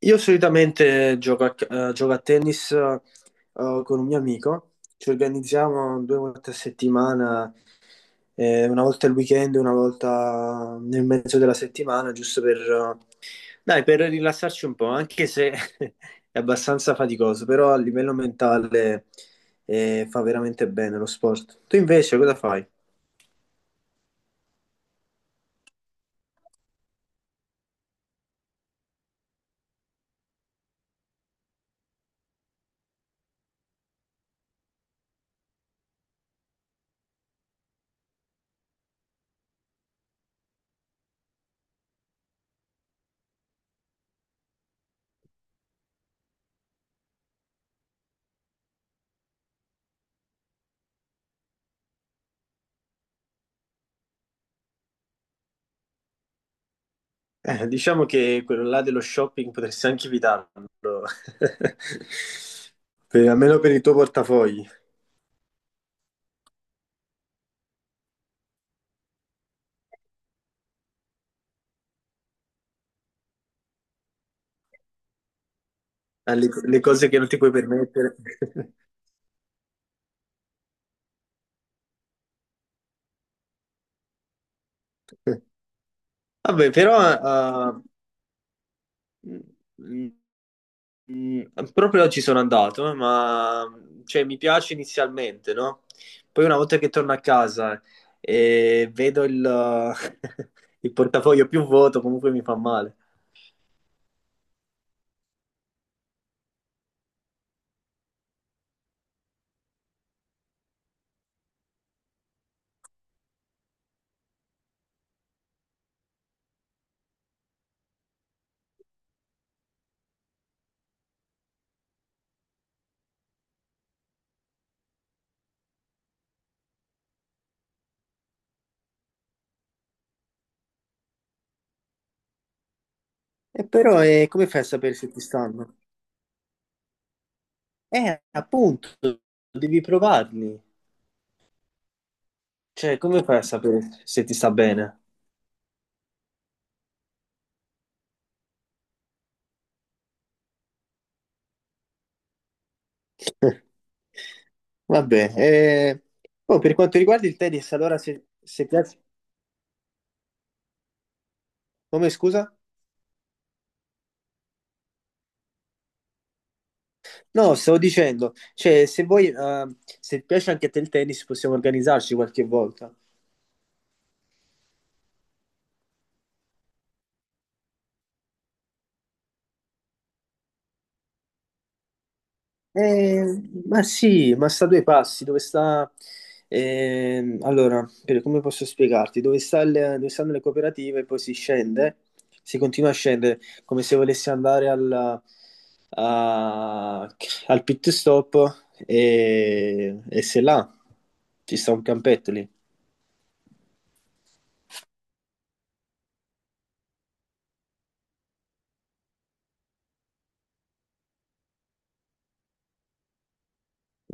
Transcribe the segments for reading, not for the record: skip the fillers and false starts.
Io solitamente gioco gioco a tennis con un mio amico. Ci organizziamo due volte a settimana, una volta il weekend, una volta nel mezzo della settimana, giusto per, dai, per rilassarci un po', anche se è abbastanza faticoso, però a livello mentale fa veramente bene lo sport. Tu invece cosa fai? Diciamo che quello là dello shopping potresti anche evitarlo. Almeno per il tuo portafogli. Le cose che non ti puoi permettere. Vabbè, però eh, mm, mm, proprio oggi sono andato, ma cioè, mi piace inizialmente, no? Poi una volta che torno a casa e vedo il, il portafoglio più vuoto, comunque mi fa male. E però come fai a sapere se ti stanno? Appunto, devi provarli. Cioè, come fai a sapere se ti sta bene? Vabbè, oh, per quanto riguarda il tennis, allora se piace... Come scusa? No, stavo dicendo, cioè se vuoi, se piace anche a te il tennis possiamo organizzarci qualche volta. Eh, ma sì, ma sta a due passi, dove sta... allora, come posso spiegarti? Dove sta dove stanno le cooperative, poi si scende, si continua a scendere, come se volessi andare al, a- al pit stop e se là ci sta un campetto lì.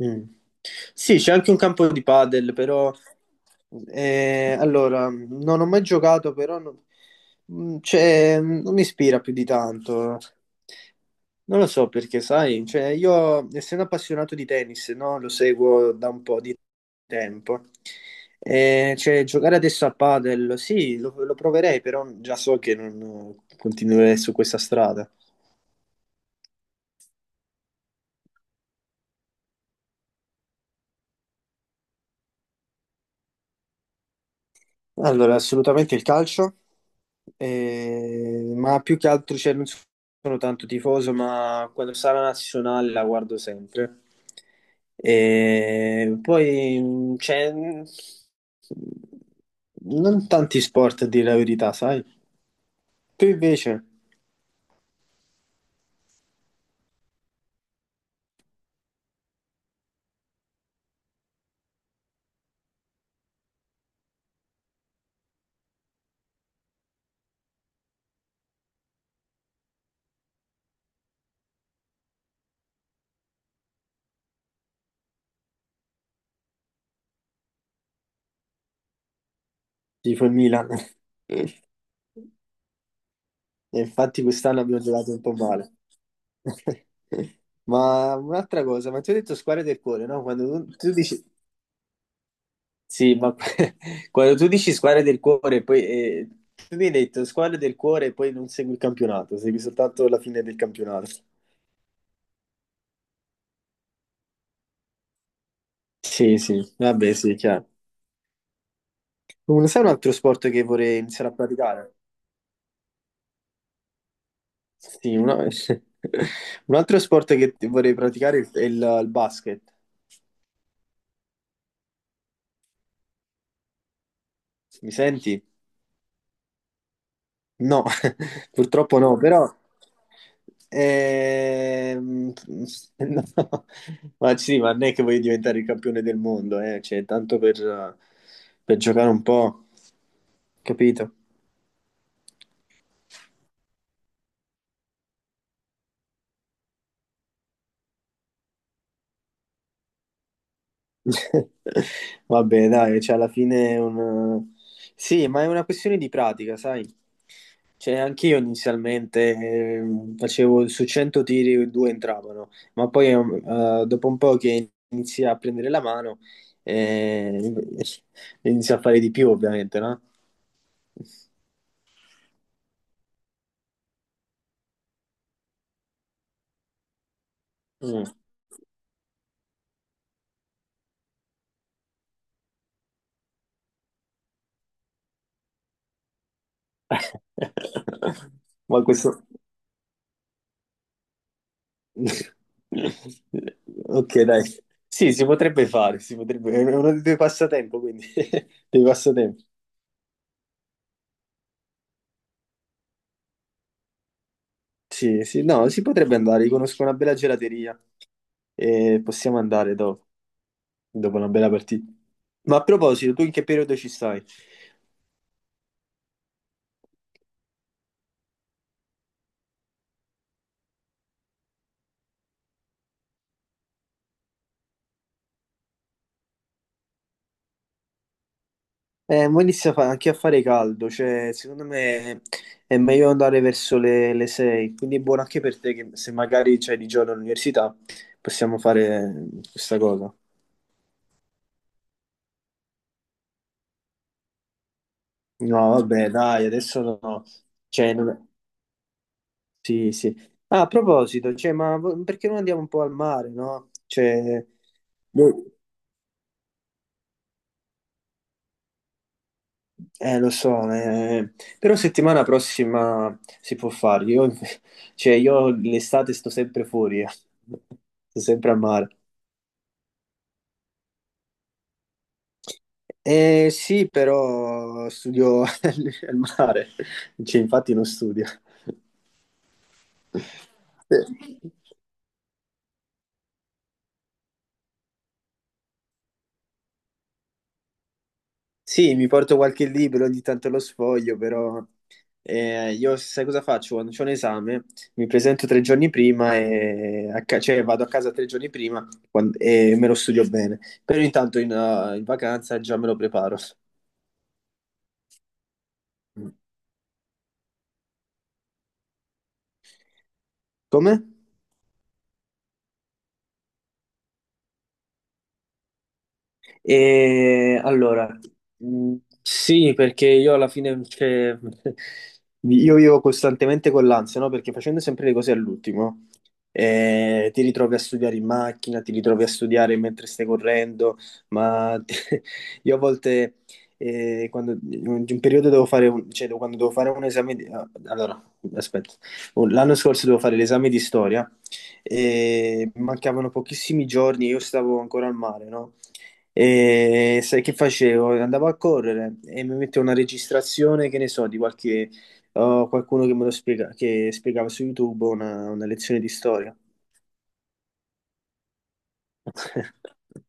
Mm. Sì, c'è anche un campo di padel, però allora non ho mai giocato, però non, mm, cioè, non mi ispira più di tanto. Non lo so perché, sai, cioè, io essendo appassionato di tennis, no, lo seguo da un po' di tempo. Cioè, giocare adesso a padel, sì, lo proverei, però già so che non continuerei su questa strada. Allora, assolutamente il calcio, ma più che altro cioè, non sono tanto tifoso, ma quando sarà la nazionale la guardo sempre. E poi c'è non tanti sport a dire la verità, sai? Tu invece tifo il Milan. E infatti quest'anno abbiamo giocato un po' male. Ma un'altra cosa, ma ti ho detto squadra del cuore, no? Quando tu dici sì, ma quando tu dici squadre del cuore, poi tu mi hai detto squadre del cuore e poi non segui il campionato, segui soltanto la fine del campionato. Sì, sì, vabbè, sì, chiaro. Sai un altro sport che vorrei iniziare a praticare? Sì, un altro sport che vorrei praticare è il basket. Mi senti? No, purtroppo no, però ehm, no. Ma sì, ma non è che voglio diventare il campione del mondo, eh? Cioè, tanto per giocare un po', capito? Vabbè, dai, cioè alla fine è un... Sì, ma è una questione di pratica, sai? Cioè, anche io inizialmente facevo su 100 tiri, due entravano, ma poi dopo un po' che inizi a prendere la mano, eh, inizi a fare di più, ovviamente, no? Mm. Ma questo... Ok, dai. Sì, si potrebbe fare, si potrebbe... è uno dei tuoi passatempo, quindi dei passatempi. Sì, sì, no, si potrebbe andare, io conosco una bella gelateria e possiamo andare dopo, dopo una bella partita. Ma a proposito, tu in che periodo ci stai? Mo inizia a anche a fare caldo, cioè secondo me è meglio andare verso le 6, quindi è buono anche per te che se magari c'hai di giorno all'università possiamo fare questa cosa. No, vabbè, dai, adesso no. No. Cioè, non... Sì, sì. Ah, a proposito, cioè, ma perché non andiamo un po' al mare, no? Cioè, boh, lo so, però settimana prossima si può fare. Io, cioè, io l'estate sto sempre fuori, eh. Sto sempre al mare. Sì, però studio al mare, cioè, infatti non studio. Sì, mi porto qualche libro, ogni tanto lo sfoglio, però io sai cosa faccio? Quando c'ho un esame, mi presento 3 giorni prima, e a cioè vado a casa 3 giorni prima e me lo studio bene. Però intanto in vacanza già me lo preparo. Come? E allora, mh, sì, perché io alla fine, cioè, io vivo costantemente con l'ansia, no? Perché facendo sempre le cose all'ultimo, ti ritrovi a studiare in macchina, ti ritrovi a studiare mentre stai correndo, ma io a volte, quando, in un periodo devo fare un, cioè, quando devo fare un esame di, ah, allora, aspetta, l'anno scorso devo fare l'esame di storia e mancavano pochissimi giorni, io stavo ancora al mare, no? E sai che facevo? Andavo a correre e mi mettevo una registrazione, che ne so, di qualche oh, qualcuno che me lo spiega, che spiegava su YouTube una lezione di storia.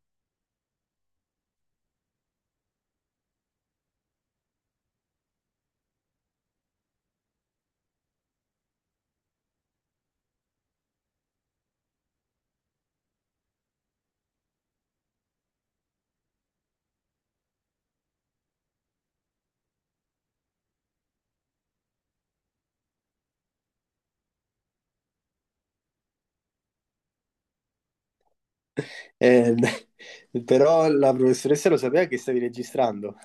Beh, però la professoressa lo sapeva che stavi registrando.